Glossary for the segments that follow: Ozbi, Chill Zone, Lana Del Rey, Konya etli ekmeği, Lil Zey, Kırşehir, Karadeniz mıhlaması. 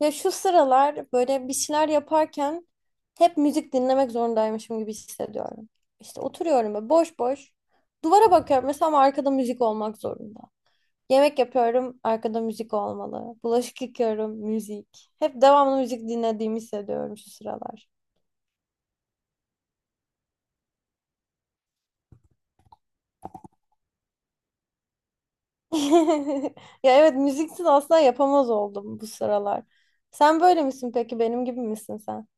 Ya şu sıralar böyle bir şeyler yaparken hep müzik dinlemek zorundaymışım gibi hissediyorum. İşte oturuyorum ve boş boş duvara bakıyorum mesela ama arkada müzik olmak zorunda. Yemek yapıyorum, arkada müzik olmalı. Bulaşık yıkıyorum, müzik. Hep devamlı müzik dinlediğimi hissediyorum şu sıralar. Ya evet müziksiz asla yapamaz oldum bu sıralar. Sen böyle misin peki? Benim gibi misin sen?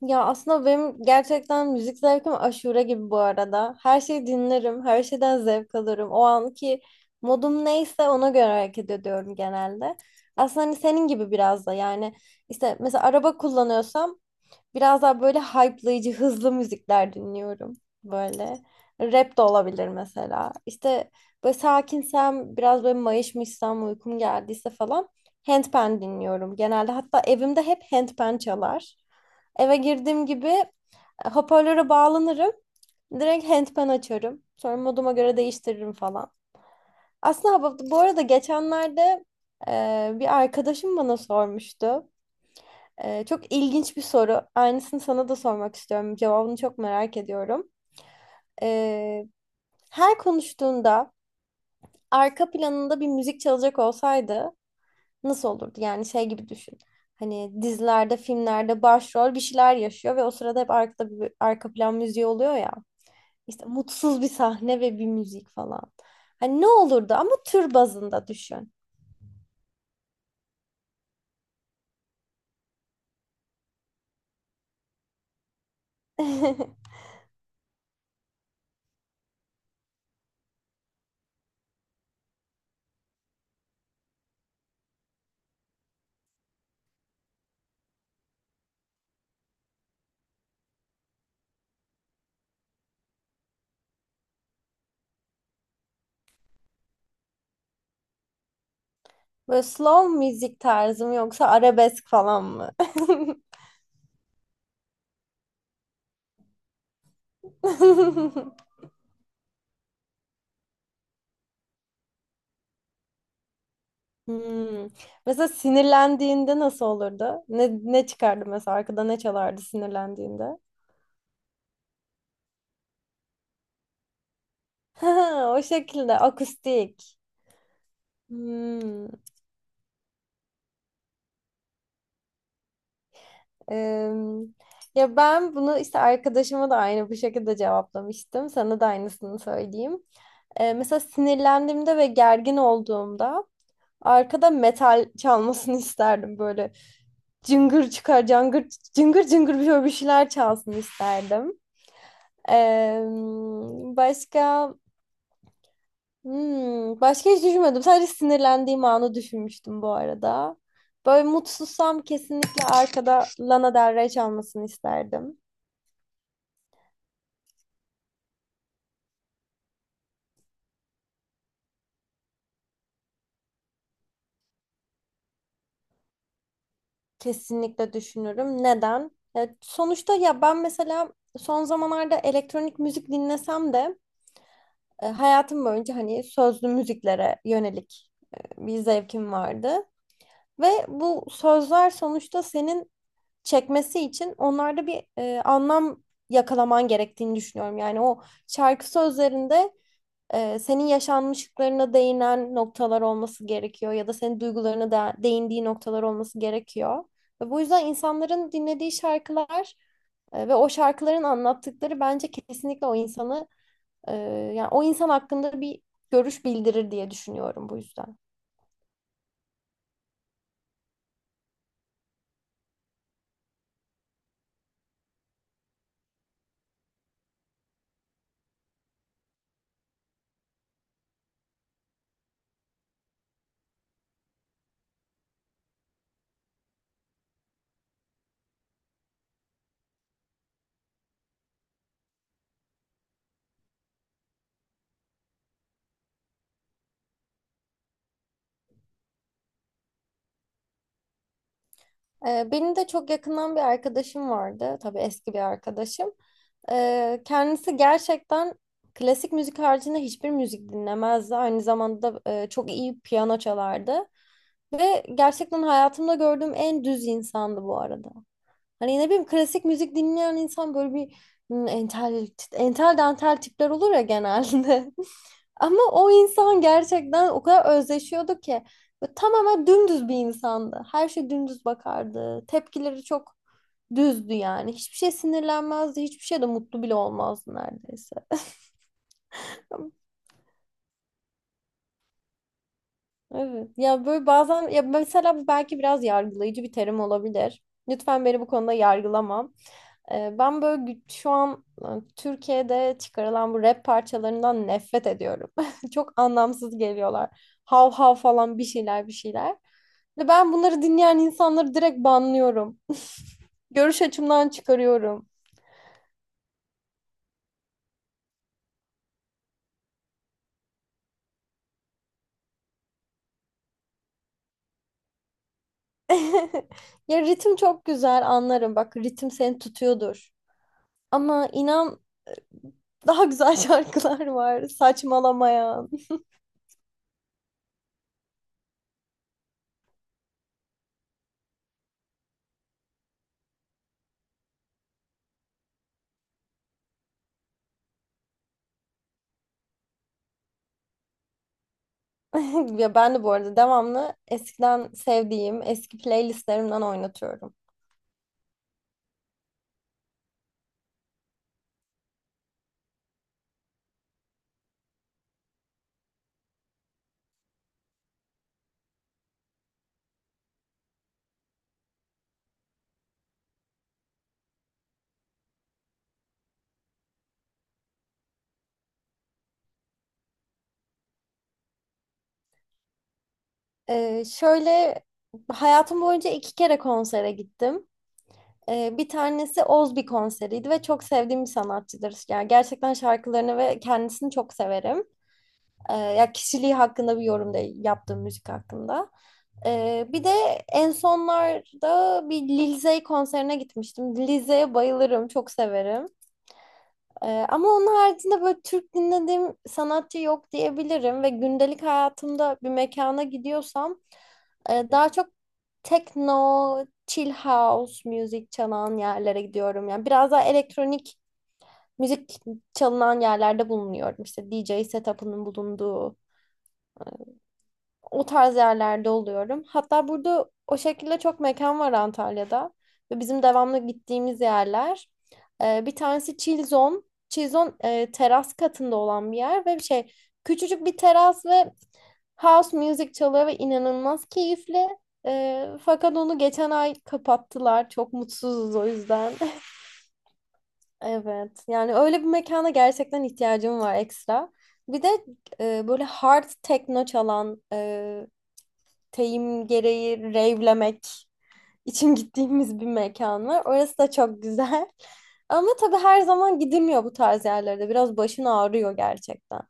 Ya aslında benim gerçekten müzik zevkim aşure gibi bu arada. Her şeyi dinlerim, her şeyden zevk alırım. O anki modum neyse ona göre hareket ediyorum genelde. Aslında hani senin gibi biraz da yani işte mesela araba kullanıyorsam biraz daha böyle hype'layıcı, hızlı müzikler dinliyorum böyle. Rap de olabilir mesela. İşte böyle sakinsem, biraz böyle mayışmışsam, uykum geldiyse falan handpan dinliyorum genelde. Hatta evimde hep handpan çalar. Eve girdiğim gibi hoparlöre bağlanırım. Direkt handpan açarım. Sonra moduma göre değiştiririm falan. Aslında bu arada geçenlerde bir arkadaşım bana sormuştu. Çok ilginç bir soru. Aynısını sana da sormak istiyorum. Cevabını çok merak ediyorum. Ee, Her konuştuğunda arka planında bir müzik çalacak olsaydı nasıl olurdu? Yani şey gibi düşün. Hani dizilerde, filmlerde başrol bir şeyler yaşıyor ve o sırada hep arkada bir arka plan müziği oluyor ya. İşte mutsuz bir sahne ve bir müzik falan. Hani ne olurdu ama tür bazında düşün. Böyle slow müzik tarzı mı yoksa arabesk falan mı? Hmm. Mesela sinirlendiğinde nasıl olurdu? Ne çıkardı mesela arkada ne çalardı sinirlendiğinde? Ha, o şekilde akustik. Hmm. Em, Ya ben bunu işte arkadaşıma da aynı bu şekilde cevaplamıştım. Sana da aynısını söyleyeyim. Mesela sinirlendiğimde ve gergin olduğumda arkada metal çalmasını isterdim böyle. Cıngır çıkar, cangır, cıngır cıngır bir şöyle bir şeyler çalsın isterdim. Ee, Başka başka hiç düşünmedim. Sadece sinirlendiğim anı düşünmüştüm bu arada. Böyle mutsuzsam kesinlikle arkada Lana Del Rey çalmasını isterdim. Kesinlikle düşünürüm. Neden? Ya sonuçta ya ben mesela son zamanlarda elektronik müzik dinlesem de hayatım boyunca hani sözlü müziklere yönelik bir zevkim vardı. Ve bu sözler sonuçta senin çekmesi için onlarda bir anlam yakalaman gerektiğini düşünüyorum. Yani o şarkı sözlerinde senin yaşanmışlıklarına değinen noktalar olması gerekiyor ya da senin duygularına da değindiği noktalar olması gerekiyor. Ve bu yüzden insanların dinlediği şarkılar ve o şarkıların anlattıkları bence kesinlikle o insanı ee, yani o insan hakkında bir görüş bildirir diye düşünüyorum bu yüzden. Benim de çok yakından bir arkadaşım vardı. Tabii eski bir arkadaşım. Kendisi gerçekten klasik müzik haricinde hiçbir müzik dinlemezdi. Aynı zamanda çok iyi piyano çalardı. Ve gerçekten hayatımda gördüğüm en düz insandı bu arada. Hani ne bileyim klasik müzik dinleyen insan böyle bir hmm, entel, entel dantel tipler olur ya genelde. Ama o insan gerçekten o kadar özleşiyordu ki. Böyle tamamen dümdüz bir insandı. Her şey dümdüz bakardı. Tepkileri çok düzdü yani. Hiçbir şey sinirlenmezdi. Hiçbir şey de mutlu bile olmazdı neredeyse. Evet. Ya böyle bazen ya mesela bu belki biraz yargılayıcı bir terim olabilir. Lütfen beni bu konuda yargılamam. Ben böyle şu an Türkiye'de çıkarılan bu rap parçalarından nefret ediyorum. Çok anlamsız geliyorlar. Hav hav falan bir şeyler bir şeyler. Ve ben bunları dinleyen insanları direkt banlıyorum. Görüş açımdan çıkarıyorum. Ya ritim çok güzel anlarım. Bak ritim seni tutuyordur. Ama inan daha güzel şarkılar var. Saçmalamayan. Ya ben de bu arada devamlı eskiden sevdiğim eski playlistlerimden oynatıyorum. Şöyle hayatım boyunca iki kere konsere gittim. Bir tanesi Ozbi konseriydi ve çok sevdiğim bir sanatçıdır. Yani gerçekten şarkılarını ve kendisini çok severim. Ya kişiliği hakkında bir yorum da yaptığım müzik hakkında. Bir de en sonlarda bir Lil Zey konserine gitmiştim. Lil Zey'e bayılırım, çok severim. Ama onun haricinde böyle Türk dinlediğim sanatçı yok diyebilirim ve gündelik hayatımda bir mekana gidiyorsam daha çok techno, chill house müzik çalan yerlere gidiyorum. Yani biraz daha elektronik müzik çalınan yerlerde bulunuyorum. İşte DJ setup'ının bulunduğu o tarz yerlerde oluyorum. Hatta burada o şekilde çok mekan var Antalya'da. Ve bizim devamlı gittiğimiz yerler. Bir tanesi Chill Zone. Chill Zone teras katında olan bir yer ve bir şey küçücük bir teras ve house music çalıyor ve inanılmaz keyifli. Fakat onu geçen ay kapattılar. Çok mutsuzuz o yüzden. Evet. Yani öyle bir mekana gerçekten ihtiyacım var ekstra. Bir de böyle hard techno çalan teyim gereği revlemek için gittiğimiz bir mekan var. Orası da çok güzel. Ama tabii her zaman gidilmiyor bu tarz yerlerde. Biraz başın ağrıyor gerçekten.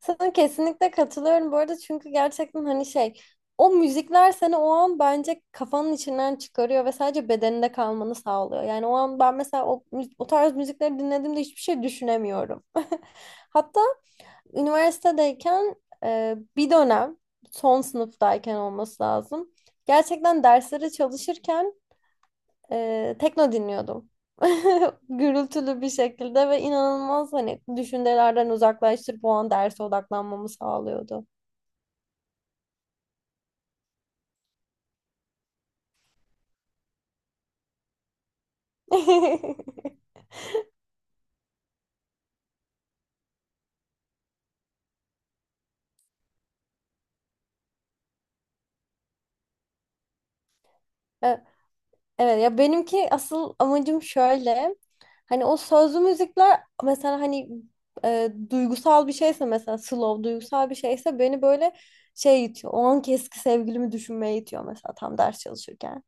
Sana kesinlikle katılıyorum bu arada çünkü gerçekten hani şey o müzikler seni o an bence kafanın içinden çıkarıyor ve sadece bedeninde kalmanı sağlıyor. Yani o an ben mesela o tarz müzikleri dinlediğimde hiçbir şey düşünemiyorum. Hatta üniversitedeyken bir dönem son sınıftayken olması lazım. Gerçekten derslere çalışırken tekno dinliyordum. Gürültülü bir şekilde ve inanılmaz hani düşüncelerden uzaklaştırıp o an derse odaklanmamı sağlıyordu. E, Evet ya benimki asıl amacım şöyle. Hani o sözlü müzikler mesela hani duygusal bir şeyse mesela slow duygusal bir şeyse beni böyle şey itiyor. O anki eski sevgilimi düşünmeye itiyor mesela tam ders çalışırken.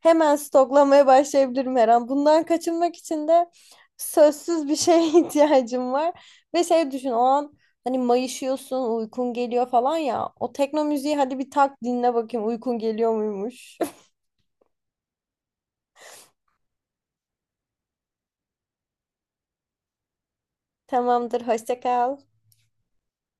Hemen stoklamaya başlayabilirim her an. Bundan kaçınmak için de sözsüz bir şeye ihtiyacım var. Ve şey düşün o an hani mayışıyorsun uykun geliyor falan ya. O tekno müziği hadi bir tak dinle bakayım uykun geliyor muymuş. Tamamdır hoşça kal.